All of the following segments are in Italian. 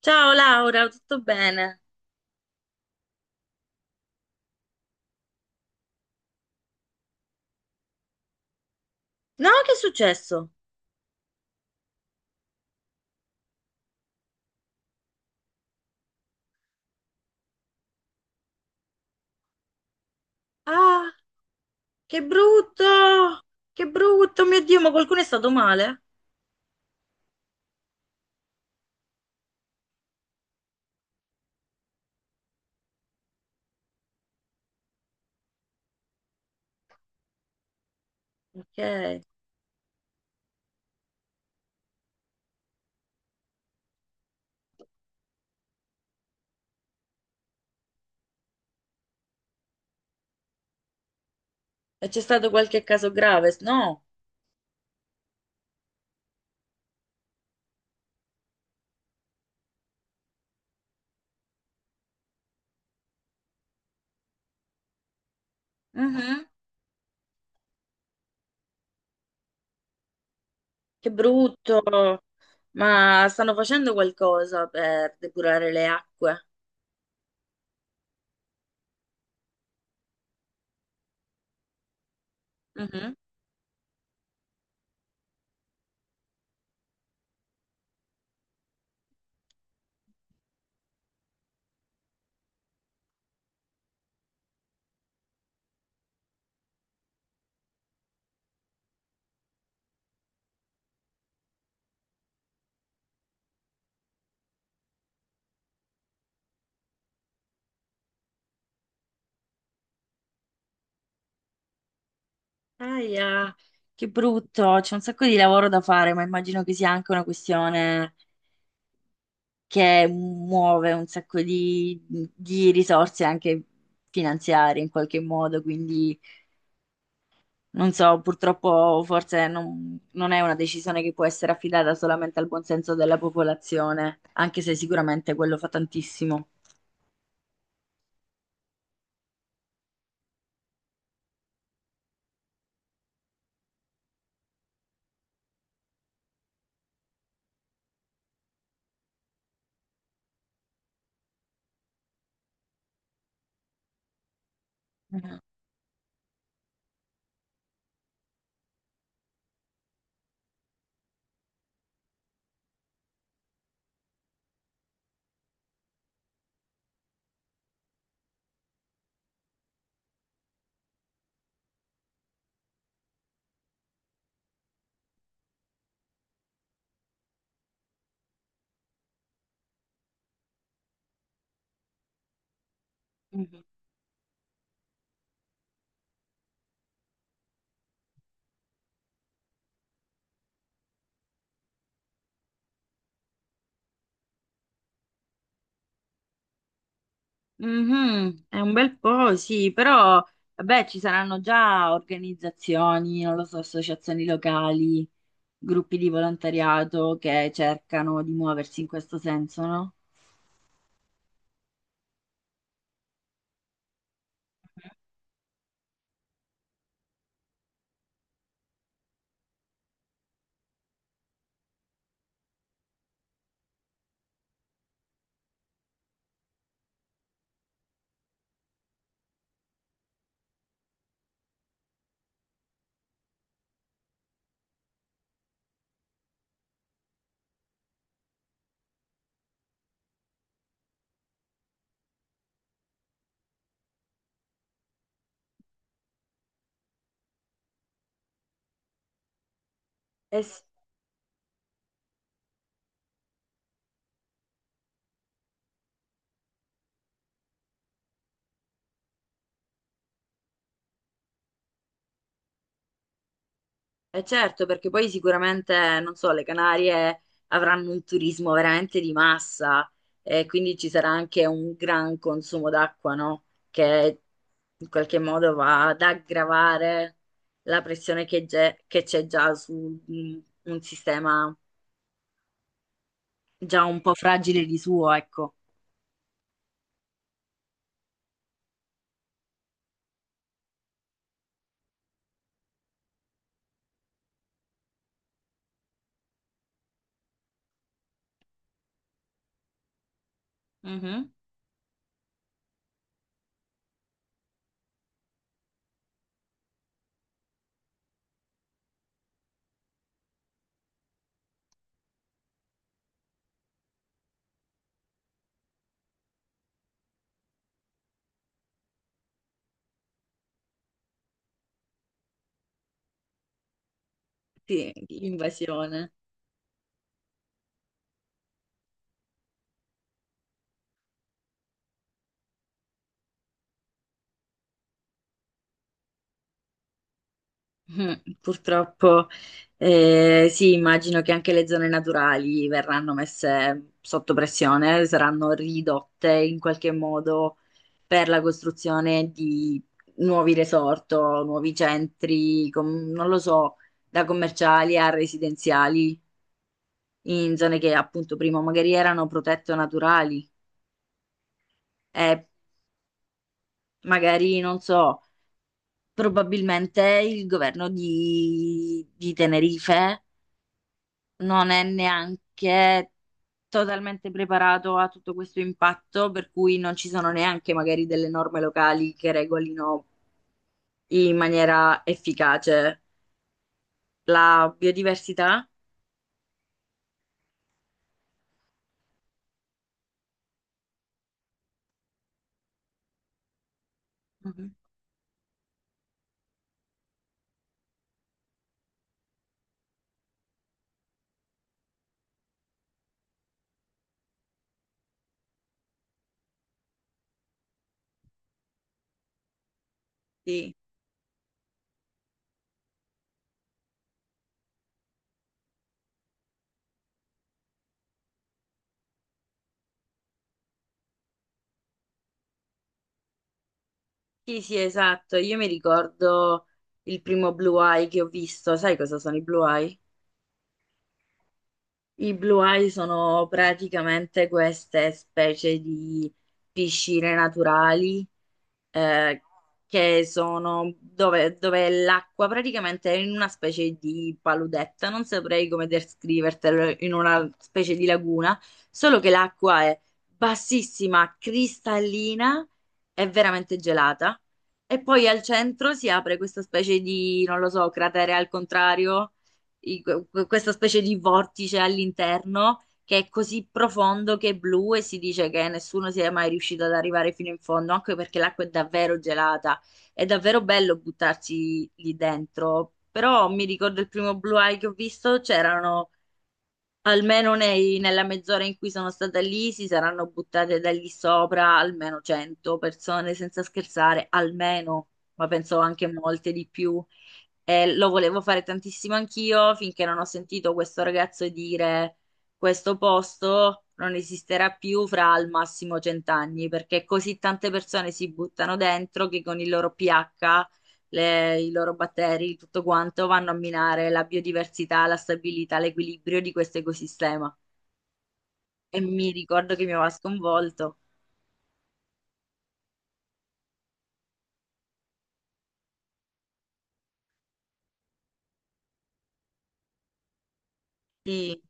Ciao Laura, tutto bene? No, che è successo? Ah, che brutto! Che brutto, mio Dio, ma qualcuno è stato male? Ok. E c'è stato qualche caso grave? No. Mhm. Che brutto. Ma stanno facendo qualcosa per depurare le acque? Mhm. Aia, che brutto. C'è un sacco di lavoro da fare, ma immagino che sia anche una questione che muove un sacco di risorse anche finanziarie in qualche modo, quindi non so, purtroppo forse non, non è una decisione che può essere affidata solamente al buonsenso della popolazione, anche se sicuramente quello fa tantissimo. Mhm. Mhm, è un bel po', sì, però vabbè, ci saranno già organizzazioni, non lo so, associazioni locali, gruppi di volontariato che cercano di muoversi in questo senso, no? Eh certo, perché poi sicuramente, non so, le Canarie avranno un turismo veramente di massa e quindi ci sarà anche un gran consumo d'acqua, no? Che in qualche modo va ad aggravare la pressione che c'è già su mm, un sistema già un po' fragile di suo, ecco. Mhm. Sì, invasione. Mm, purtroppo, sì, immagino che anche le zone naturali verranno messe sotto pressione, saranno ridotte in qualche modo per la costruzione di nuovi resort o nuovi centri, non lo so, da commerciali a residenziali, in zone che appunto prima magari erano protette o naturali e magari, non so, probabilmente il governo di Tenerife non è neanche totalmente preparato a tutto questo impatto, per cui non ci sono neanche magari delle norme locali che regolino in maniera efficace la biodiversità. Mhm. Sì, sì, sì, esatto. Io mi ricordo il primo Blue Eye che ho visto. Sai cosa sono i Blue Eye? I blue eye sono praticamente queste specie di piscine naturali eh, che sono dove, dove l'acqua praticamente è in una specie di paludetta, non saprei come descrivertelo, in una specie di laguna, solo che l'acqua è bassissima, cristallina e veramente gelata. E poi al centro si apre questa specie di, non lo so, cratere al contrario questa specie di vortice all'interno che è così profondo che è blu e si dice che nessuno sia mai riuscito ad arrivare fino in fondo, anche perché l'acqua è davvero gelata. È davvero bello buttarsi lì dentro. Però mi ricordo il primo Blue Eye che ho visto, c'erano. Nella mezz'ora in cui sono stata lì si saranno buttate da lì sopra almeno 100 persone, senza scherzare, almeno, ma penso anche molte di più. E lo volevo fare tantissimo anch'io finché non ho sentito questo ragazzo dire questo posto non esisterà più fra al massimo cent'anni, perché così tante persone si buttano dentro che con il loro pH i loro batteri, tutto quanto, vanno a minare la biodiversità, la stabilità, l'equilibrio di questo ecosistema. E mi ricordo che mi aveva sconvolto. Sì,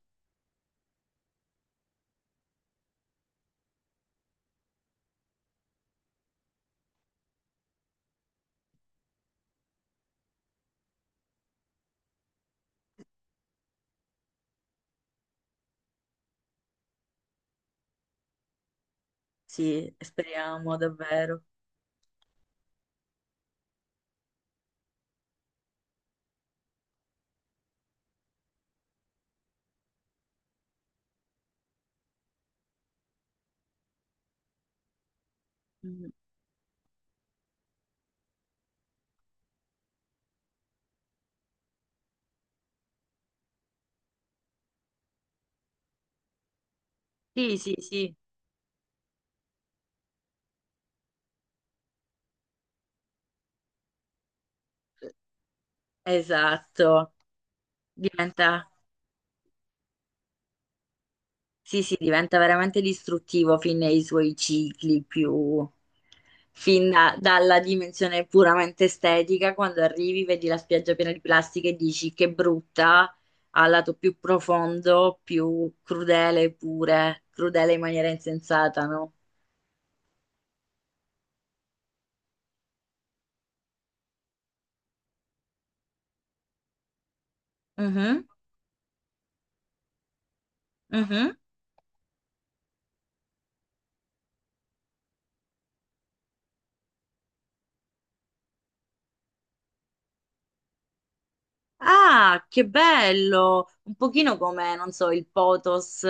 sì, speriamo davvero. Mm. Sì, sì, sì, esatto. Diventa. Sì, sì, diventa veramente distruttivo fin nei suoi cicli più... Dalla dimensione puramente estetica, quando arrivi, vedi la spiaggia piena di plastica e dici che brutta, al lato più profondo, più crudele pure, crudele in maniera insensata, no? Mhm, mhm. Ah, che bello! Un pochino come, non so, il Potos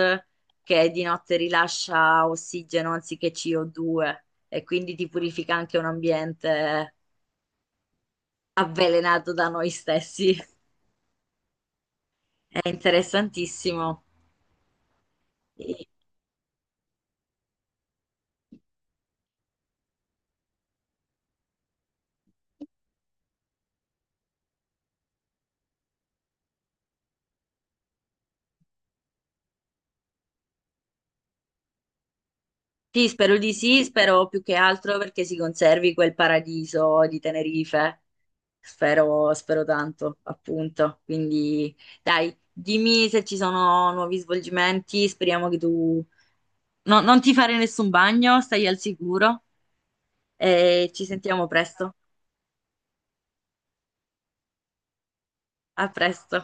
che di notte rilascia ossigeno anziché CO2 e quindi ti purifica anche un ambiente avvelenato da noi stessi. È interessantissimo. Sì, spero di sì, spero più che altro perché si conservi quel paradiso di Tenerife. Spero, spero tanto, appunto. Quindi, dai, dimmi se ci sono nuovi svolgimenti. Speriamo che tu non ti fare nessun bagno, stai al sicuro e ci sentiamo presto. A presto.